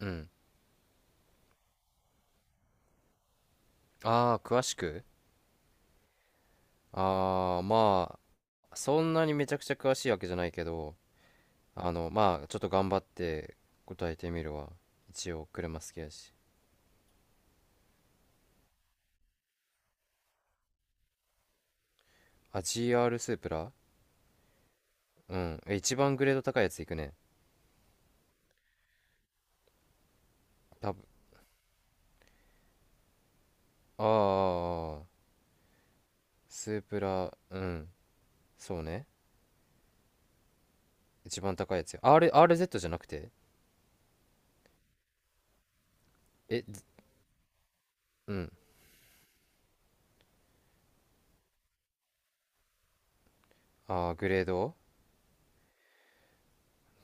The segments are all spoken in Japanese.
うん。ああ、詳しく。まあ、そんなにめちゃくちゃ詳しいわけじゃないけど、まあ、ちょっと頑張って答えてみるわ。一応、車好きやし。あ、GR スープラ。うん。一番グレード高いやついくね。多分、ああ、スープラ。うん。そうね。一番高いやつよ。RZ じゃなくて。え、ずうん。ああ、グレード。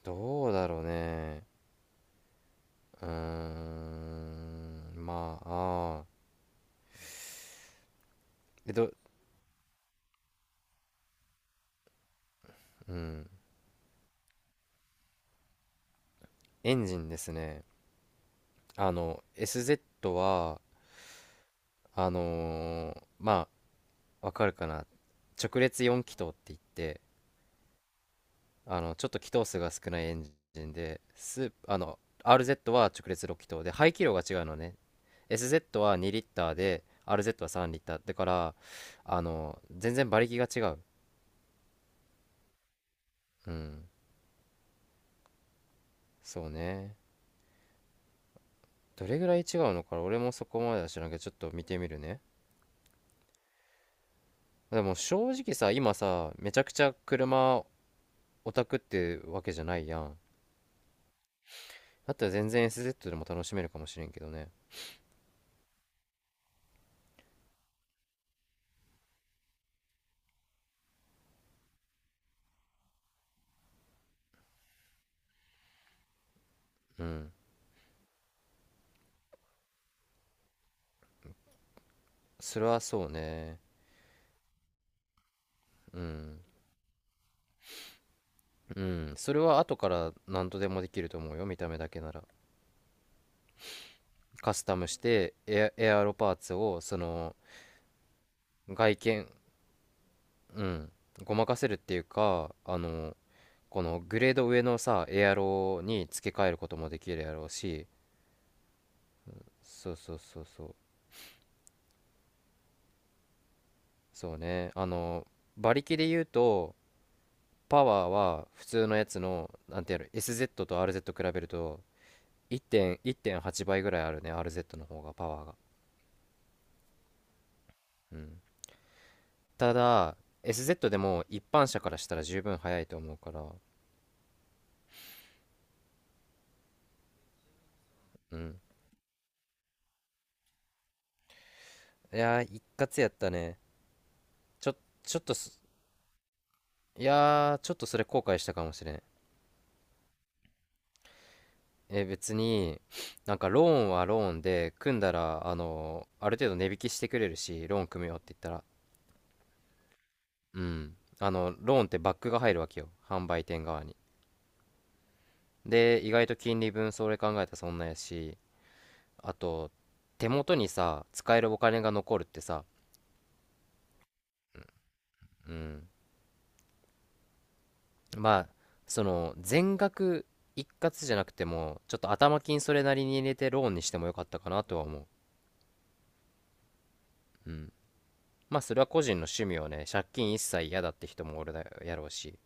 どうだろうね。うーん。まあ、ああ。え、ど、うん。エンジンですね。SZ は、まあ、わかるかな。直列4気筒って言って、ちょっと気筒数が少ないエンジンで、スあの、RZ は直列6気筒で、排気量が違うのね。SZ は2リッターで、RZ は3リッター。だから、全然馬力が違う。うん。そうね。どれぐらい違うのか俺もそこまでは知らんけど、ちょっと見てみるね。でも正直さ、今さ、めちゃくちゃ車オタクってわけじゃないやん。だったら全然 SZ でも楽しめるかもしれんけどね。うん。それはそうね。うん。うん。それは後から何とでもできると思うよ、見た目だけなら。カスタムしてエアロパーツを、その、外見、うん。ごまかせるっていうか、このグレード上のさ、エアロに付け替えることもできるやろうし、そうそうそうそう。そうね。馬力で言うと、パワーは普通のやつの、なんてやろ、SZ と RZ 比べると 1.、1.8倍ぐらいあるね、RZ の方が、パワーが。うん。ただ、SZ でも一般車からしたら十分速いと思うから。うん。いやー、一括やったね。ちょ、ちょっとす、いやー、ちょっとそれ後悔したかもしれん。別に、なんかローンはローンで、組んだら、ある程度値引きしてくれるし、ローン組むよって言ったら。うん。ローンってバックが入るわけよ、販売店側に。で、意外と金利分それ考えたらそんなやし、あと、手元にさ、使えるお金が残るってさ。うん。まあ、全額一括じゃなくても、ちょっと頭金それなりに入れてローンにしてもよかったかなとは思う。うん。まあ、それは個人の趣味をね、借金一切嫌だって人も俺だ、やろうし。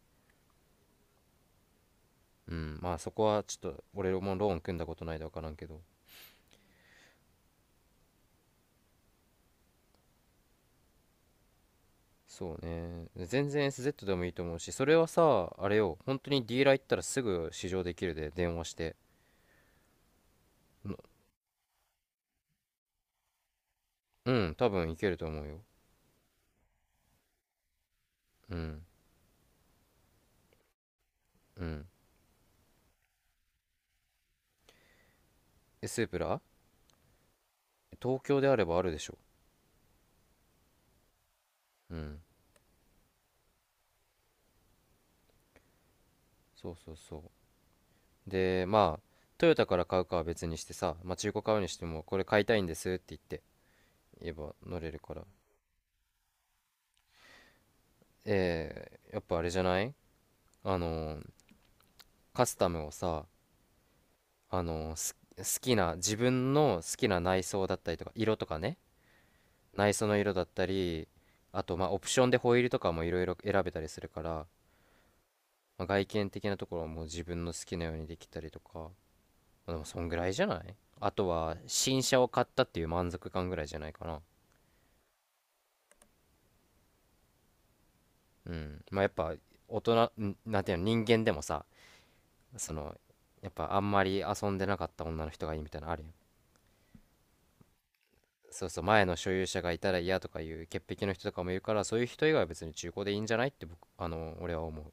うん。まあ、そこはちょっと、俺もローン組んだことないで分からんけど。そうね。全然 SZ でもいいと思うし、それはさ、あれよ、本当にディーラー行ったらすぐ試乗できるで、電話して。うん、多分いけると思うよ。うん、うん。え、スープラ？東京であればあるでしょ。うん、そうそうそう。で、まあ、トヨタから買うかは別にしてさ、まあ、中古買うにしても、これ買いたいんですって言って、言えば乗れるから。やっぱあれじゃない？あのー、カスタムをさ、あのー、す好きな、自分の好きな内装だったりとか、色とかね、内装の色だったり、あと、まあ、オプションでホイールとかもいろいろ選べたりするから、まあ、外見的なところはもう自分の好きなようにできたりとか、まあ、でもそんぐらいじゃない？あとは新車を買ったっていう満足感ぐらいじゃないかな。うん。まあ、やっぱ大人ん、なんていうの、人間でもさ、そのやっぱあんまり遊んでなかった女の人がいいみたいなのあるやん。そうそう、前の所有者がいたら嫌とかいう潔癖の人とかもいるから、そういう人以外は別に中古でいいんじゃないって、僕あの俺は思う。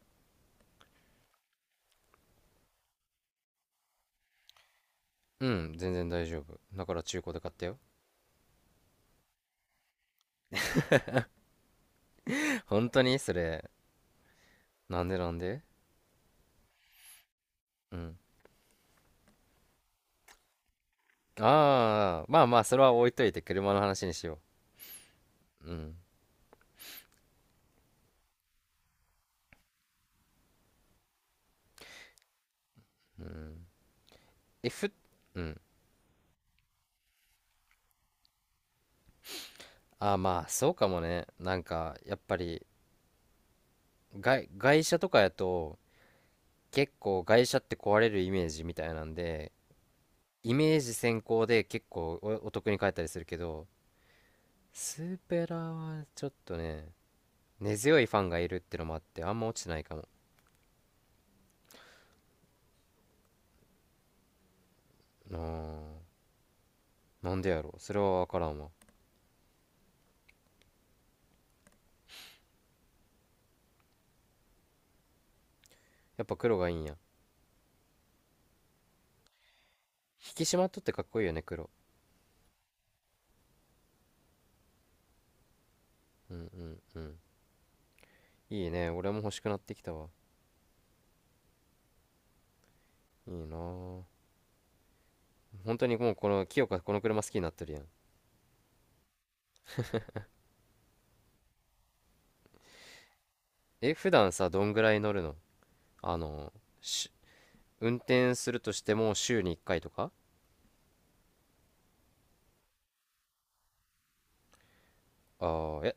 うん、全然大丈夫だから中古で買ったよ。 本当にそれ。なんで、なんで。うん。ああ、まあまあ、それは置いといて車の話にしよう。うん。うん。え、ふ、うん。ああ、まあ、そうかもね。なんか、やっぱり、外車とかやと、結構外車って壊れるイメージみたいなんで、イメージ先行で結構お得に買えたりするけど、スーペラはちょっとね、根強いファンがいるってのもあって、あんま落ちてないかも。あーなんでやろう。それはわからんわ。やっぱ黒がいいんや。引き締まっとってかっこいいよね、黒。うんうんうん。いいね。俺も欲しくなってきたわ。いいなぁ。本当にもう、清香、この車好きになってるやん。え、普段さ、どんぐらい乗るの？あの、し、運転するとしても週に1回とか。ああ、え、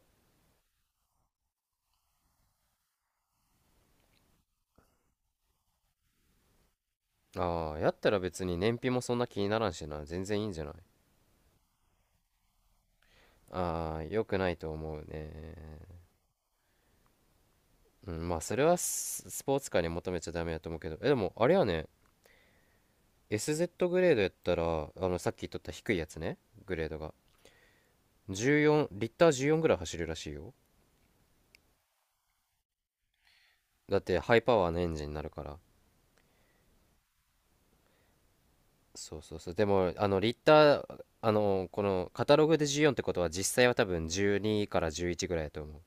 ああ、やったら別に燃費もそんな気にならんしな。全然いいんじゃない？ああ、良くないと思うね。うん、まあ、それはスポーツカーに求めちゃダメだと思うけど。でも、あれやね。SZ グレードやったら、さっき言っとった低いやつね。グレードが。14、リッター14ぐらい走るらしいよ。だってハイパワーのエンジンになるから。そうそうそう。でも、リッター、このカタログで14ってことは、実際は多分12から11ぐらいだと思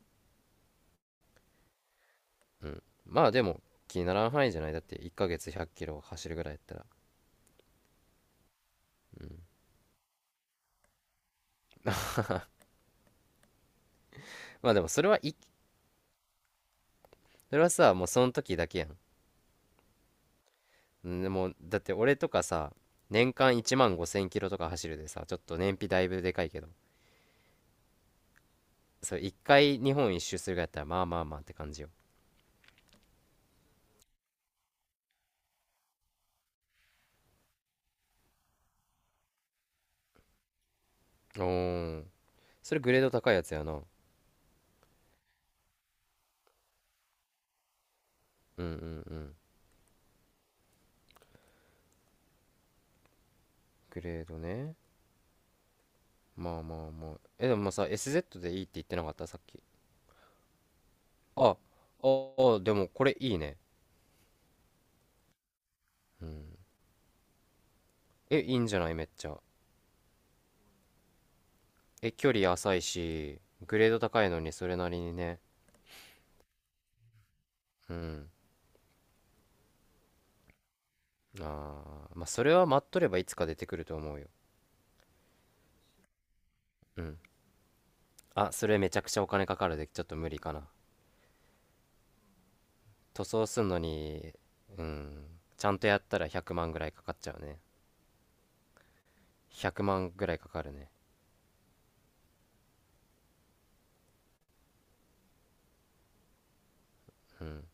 う。うん。まあ、でも気にならん範囲じゃない？だって1ヶ月1 0 0キロ走るぐらいやったら。まあ、でも、それはさ、もうその時だけやん。うん。でも、だって俺とかさ、年間1万5 0キロとか走るでさ、ちょっと燃費だいぶでかいけど。そう、1回日本一周するぐらいやったら、まあまあまあって感じよ。おー、それグレード高いやつやな。うん。うん。うん。グレードね。まあまあまあ。え、でもまあさ、SZ でいいって言ってなかったさっき？あ、ああ、でもこれいいね。うん。え、いいんじゃない？めっちゃ。え、距離浅いし、グレード高いのにそれなりにね。うん。ああ、まあそれは待っとればいつか出てくると思うよ。うん。あ、それめちゃくちゃお金かかるで、ちょっと無理かな。塗装すんのに。うん。ちゃんとやったら100万ぐらいかかっちゃうね。100万ぐらいかかるね。うん。